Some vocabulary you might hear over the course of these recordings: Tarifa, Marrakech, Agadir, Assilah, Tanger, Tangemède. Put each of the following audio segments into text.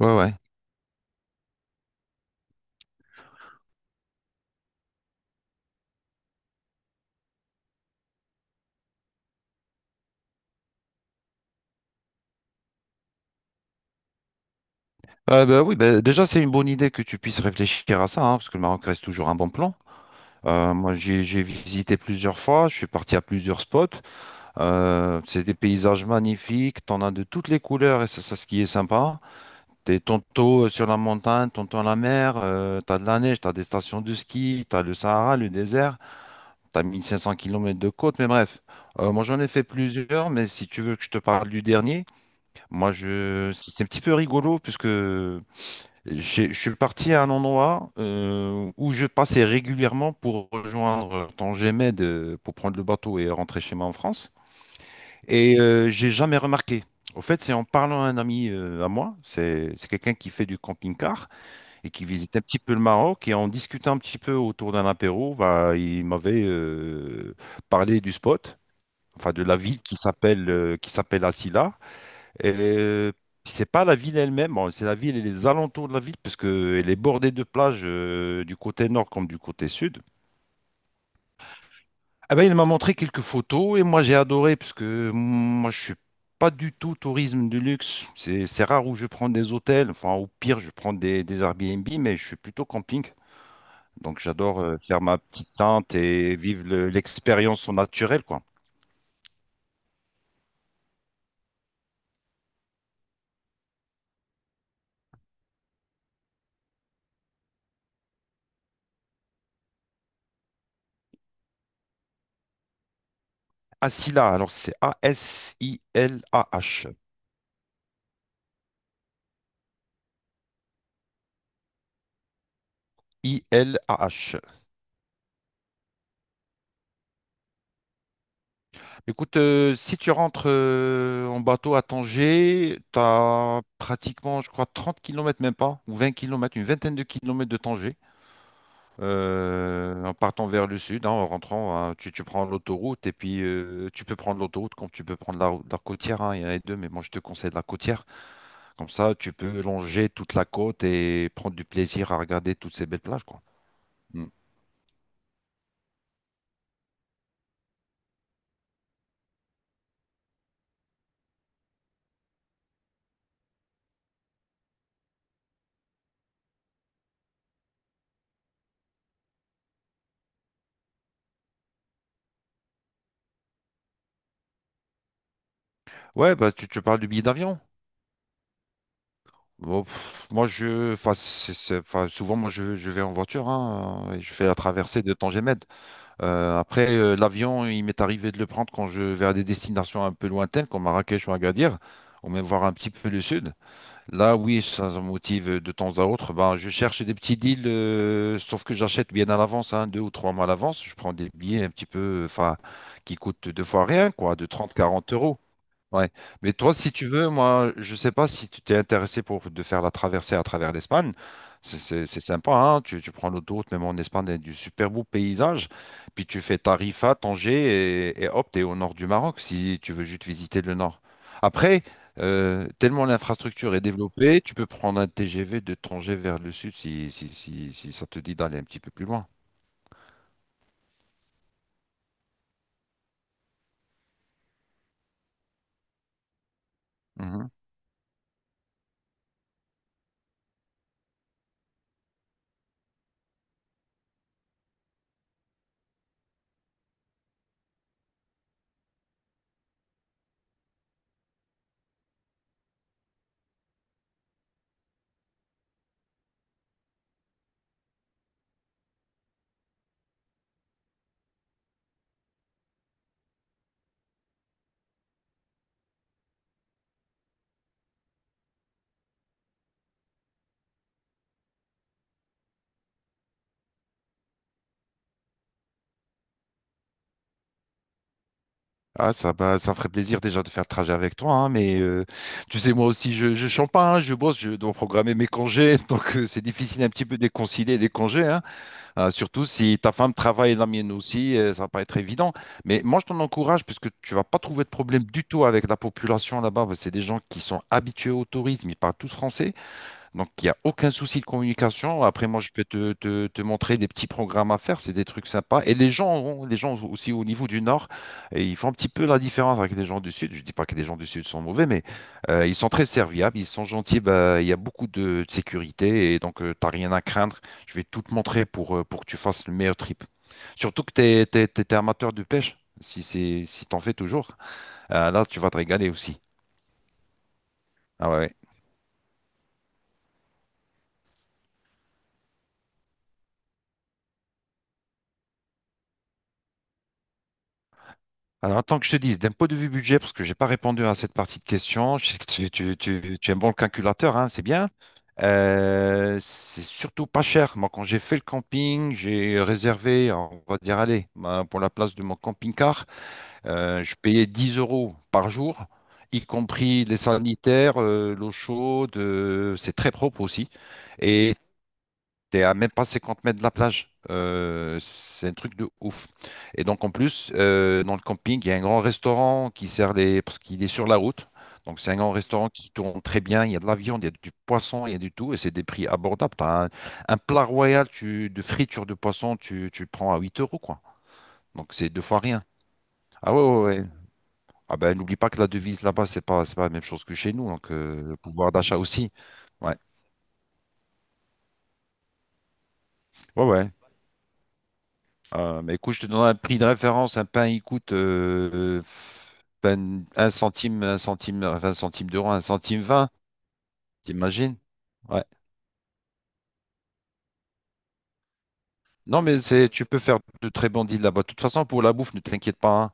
Ouais, ouais. Bah, oui, bah, déjà, c'est une bonne idée que tu puisses réfléchir à ça, hein, parce que le Maroc reste toujours un bon plan. Moi, j'ai visité plusieurs fois, je suis parti à plusieurs spots. C'est des paysages magnifiques, t'en as de toutes les couleurs, et c'est ça ce qui est sympa. T'es tantôt sur la montagne, tantôt à la mer, t'as de la neige, t'as des stations de ski, t'as le Sahara, le désert, t'as 1 500 kilomètres de côte, mais bref. Moi, j'en ai fait plusieurs, mais si tu veux que je te parle du dernier, c'est un petit peu rigolo, puisque. Je suis parti à un endroit où je passais régulièrement pour rejoindre Tangemède pour prendre le bateau et rentrer chez moi en France. Et j'ai jamais remarqué. Au fait, c'est en parlant à un ami à moi, c'est quelqu'un qui fait du camping-car et qui visite un petit peu le Maroc. Et en discutant un petit peu autour d'un apéro, bah, il m'avait parlé du spot, enfin de la ville qui s'appelle Assila. Et c'est pas la ville elle-même, bon, c'est la ville et les alentours de la ville, parce que elle est bordée de plages du côté nord comme du côté sud. Ah ben, il m'a montré quelques photos et moi j'ai adoré, parce que moi je suis pas du tout tourisme de luxe. C'est rare où je prends des hôtels, enfin au pire je prends des Airbnb, mais je suis plutôt camping. Donc j'adore faire ma petite tente et vivre l'expérience au naturel, quoi. Asila, alors c'est A-S-I-L-A-H. I-L-A-H. Écoute, si tu rentres en bateau à Tanger, tu as pratiquement, je crois, 30 kilomètres même pas, ou 20 kilomètres, une vingtaine de kilomètres de Tanger, en partant vers le sud, hein, en rentrant, hein, tu prends l'autoroute, et puis tu peux prendre l'autoroute comme tu peux prendre la, la côtière, hein, il y en a les deux, mais moi je te conseille la côtière, comme ça tu peux longer toute la côte et prendre du plaisir à regarder toutes ces belles plages, quoi. Mm. Ouais, bah, tu parles du billet d'avion. Bon, moi, je, enfin, c'est- enfin, souvent, moi, je vais en voiture, hein, et je fais la traversée de Tangemède. Après, l'avion, il m'est arrivé de le prendre quand je vais à des destinations un peu lointaines, comme Marrakech ou Agadir, ou même voir un petit peu le sud. Là, oui, ça me motive de temps à autre. Ben, je cherche des petits deals, sauf que j'achète bien à l'avance, hein, 2 ou 3 mois à l'avance. Je prends des billets un petit peu, enfin, qui coûtent deux fois rien, quoi, de 30, 40 euros. Ouais. Mais toi, si tu veux, moi, je sais pas si tu t'es intéressé pour de faire la traversée à travers l'Espagne. C'est sympa, hein. Tu prends l'autoroute, même en Espagne, il y a du super beau paysage. Puis tu fais Tarifa, Tanger et hop, t'es au nord du Maroc si tu veux juste visiter le nord. Après, tellement l'infrastructure est développée, tu peux prendre un TGV de Tanger vers le sud si ça te dit d'aller un petit peu plus loin. Ah, ça, bah, ça me ferait plaisir déjà de faire le trajet avec toi, hein, mais tu sais, moi aussi, je chante pas, hein, je bosse, je dois programmer mes congés, donc c'est difficile un petit peu de concilier des congés, hein, surtout si ta femme travaille et la mienne aussi, ça va pas être évident. Mais moi, je t'en encourage, puisque tu vas pas trouver de problème du tout avec la population là-bas, parce que c'est des gens qui sont habitués au tourisme, ils parlent tous français, donc, il n'y a aucun souci de communication. Après, moi, je peux te montrer des petits programmes à faire. C'est des trucs sympas. Et les gens, les gens aussi au niveau du Nord, et ils font un petit peu la différence avec les gens du Sud. Je dis pas que les gens du Sud sont mauvais, mais ils sont très serviables, ils sont gentils. Bah, il y a beaucoup de sécurité et donc, tu n'as rien à craindre. Je vais tout te montrer pour que tu fasses le meilleur trip. Surtout que tu t'es amateur de pêche. Si t'en fais toujours, là, tu vas te régaler aussi. Ah ouais. Ouais. Alors, attends que je te dise, d'un point de vue budget, parce que j'ai pas répondu à cette partie de question, je sais que tu es un bon calculateur, hein, c'est bien. C'est surtout pas cher. Moi, quand j'ai fait le camping, j'ai réservé, on va dire, allez, pour la place de mon camping-car, je payais 10 euros par jour, y compris les sanitaires, l'eau chaude, c'est très propre aussi. Et T'es à même pas 50 mètres de la plage. C'est un truc de ouf. Et donc en plus, dans le camping, il y a un grand restaurant qui sert les— parce qu'il est sur la route. Donc c'est un grand restaurant qui tourne très bien. Il y a de la viande, il y a du poisson, il y a du tout. Et c'est des prix abordables. T'as un plat royal tu, de friture de poisson, tu le prends à 8 euros, quoi. Donc c'est deux fois rien. Ah ouais, ouais, ouais. Ah ben n'oublie pas que la devise là-bas, c'est pas la même chose que chez nous. Donc le pouvoir d'achat aussi. Ouais, ouais, ouais. Mais écoute, je te donne un prix de référence. Un pain, il coûte ben, un centime, enfin, un centime d'euro, un centime vingt, t'imagines? Ouais. Non, mais c'est, tu peux faire de très bons deals là-bas. De toute façon, pour la bouffe, ne t'inquiète pas, hein.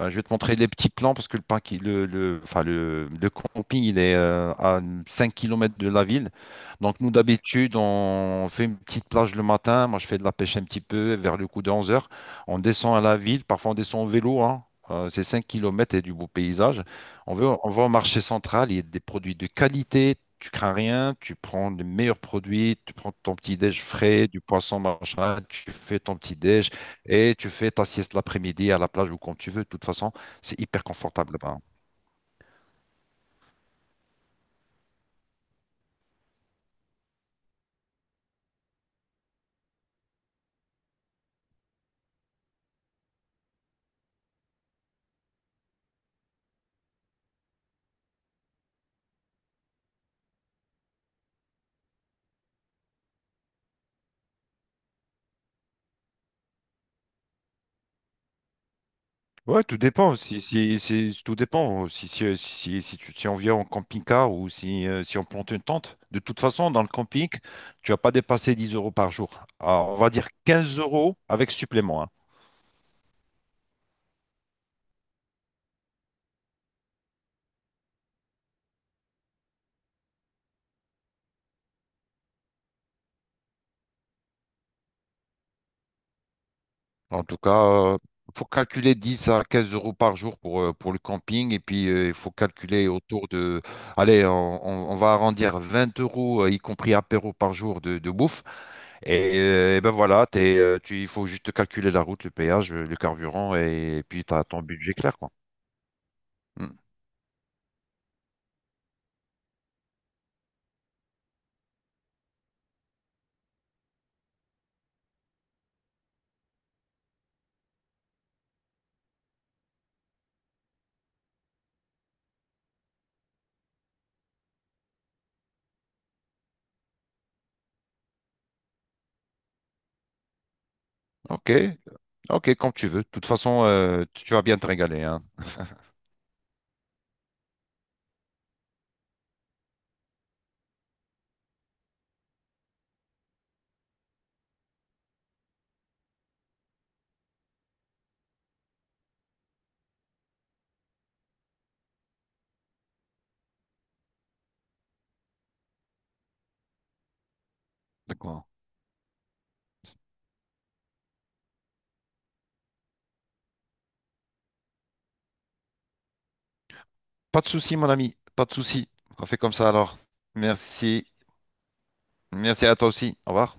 Je vais te montrer les petits plans parce que le, pain qui, le, enfin, le camping, il est à 5 kilomètres de la ville. Donc, nous, d'habitude, on fait une petite plage le matin. Moi, je fais de la pêche un petit peu vers le coup de 11 heures. On descend à la ville. Parfois, on descend en vélo, hein. C'est 5 kilomètres et du beau paysage. On va au marché central, il y a des produits de qualité, tu crains rien, tu prends les meilleurs produits, tu prends ton petit déj frais, du poisson machin, tu fais ton petit déj et tu fais ta sieste l'après-midi à la plage ou quand tu veux. De toute façon, c'est hyper confortable là-bas. Ouais, tout dépend. Tout dépend. Si on vient en camping-car ou si on plante une tente. De toute façon, dans le camping, tu vas pas dépasser 10 euros par jour. Alors, on va dire 15 euros avec supplément. En tout cas, il faut calculer 10 à 15 euros par jour pour le camping. Et puis, il faut calculer autour de... Allez, on va arrondir 20 euros, y compris apéro par jour de, bouffe. Et ben voilà, il faut juste calculer la route, le péage, le carburant, puis tu as ton budget clair, quoi. Hmm. Ok, ok, comme tu veux. De toute façon, tu vas bien te régaler, hein. D'accord. Pas de souci, mon ami, pas de souci. On fait comme ça alors. Merci, merci à toi aussi. Au revoir.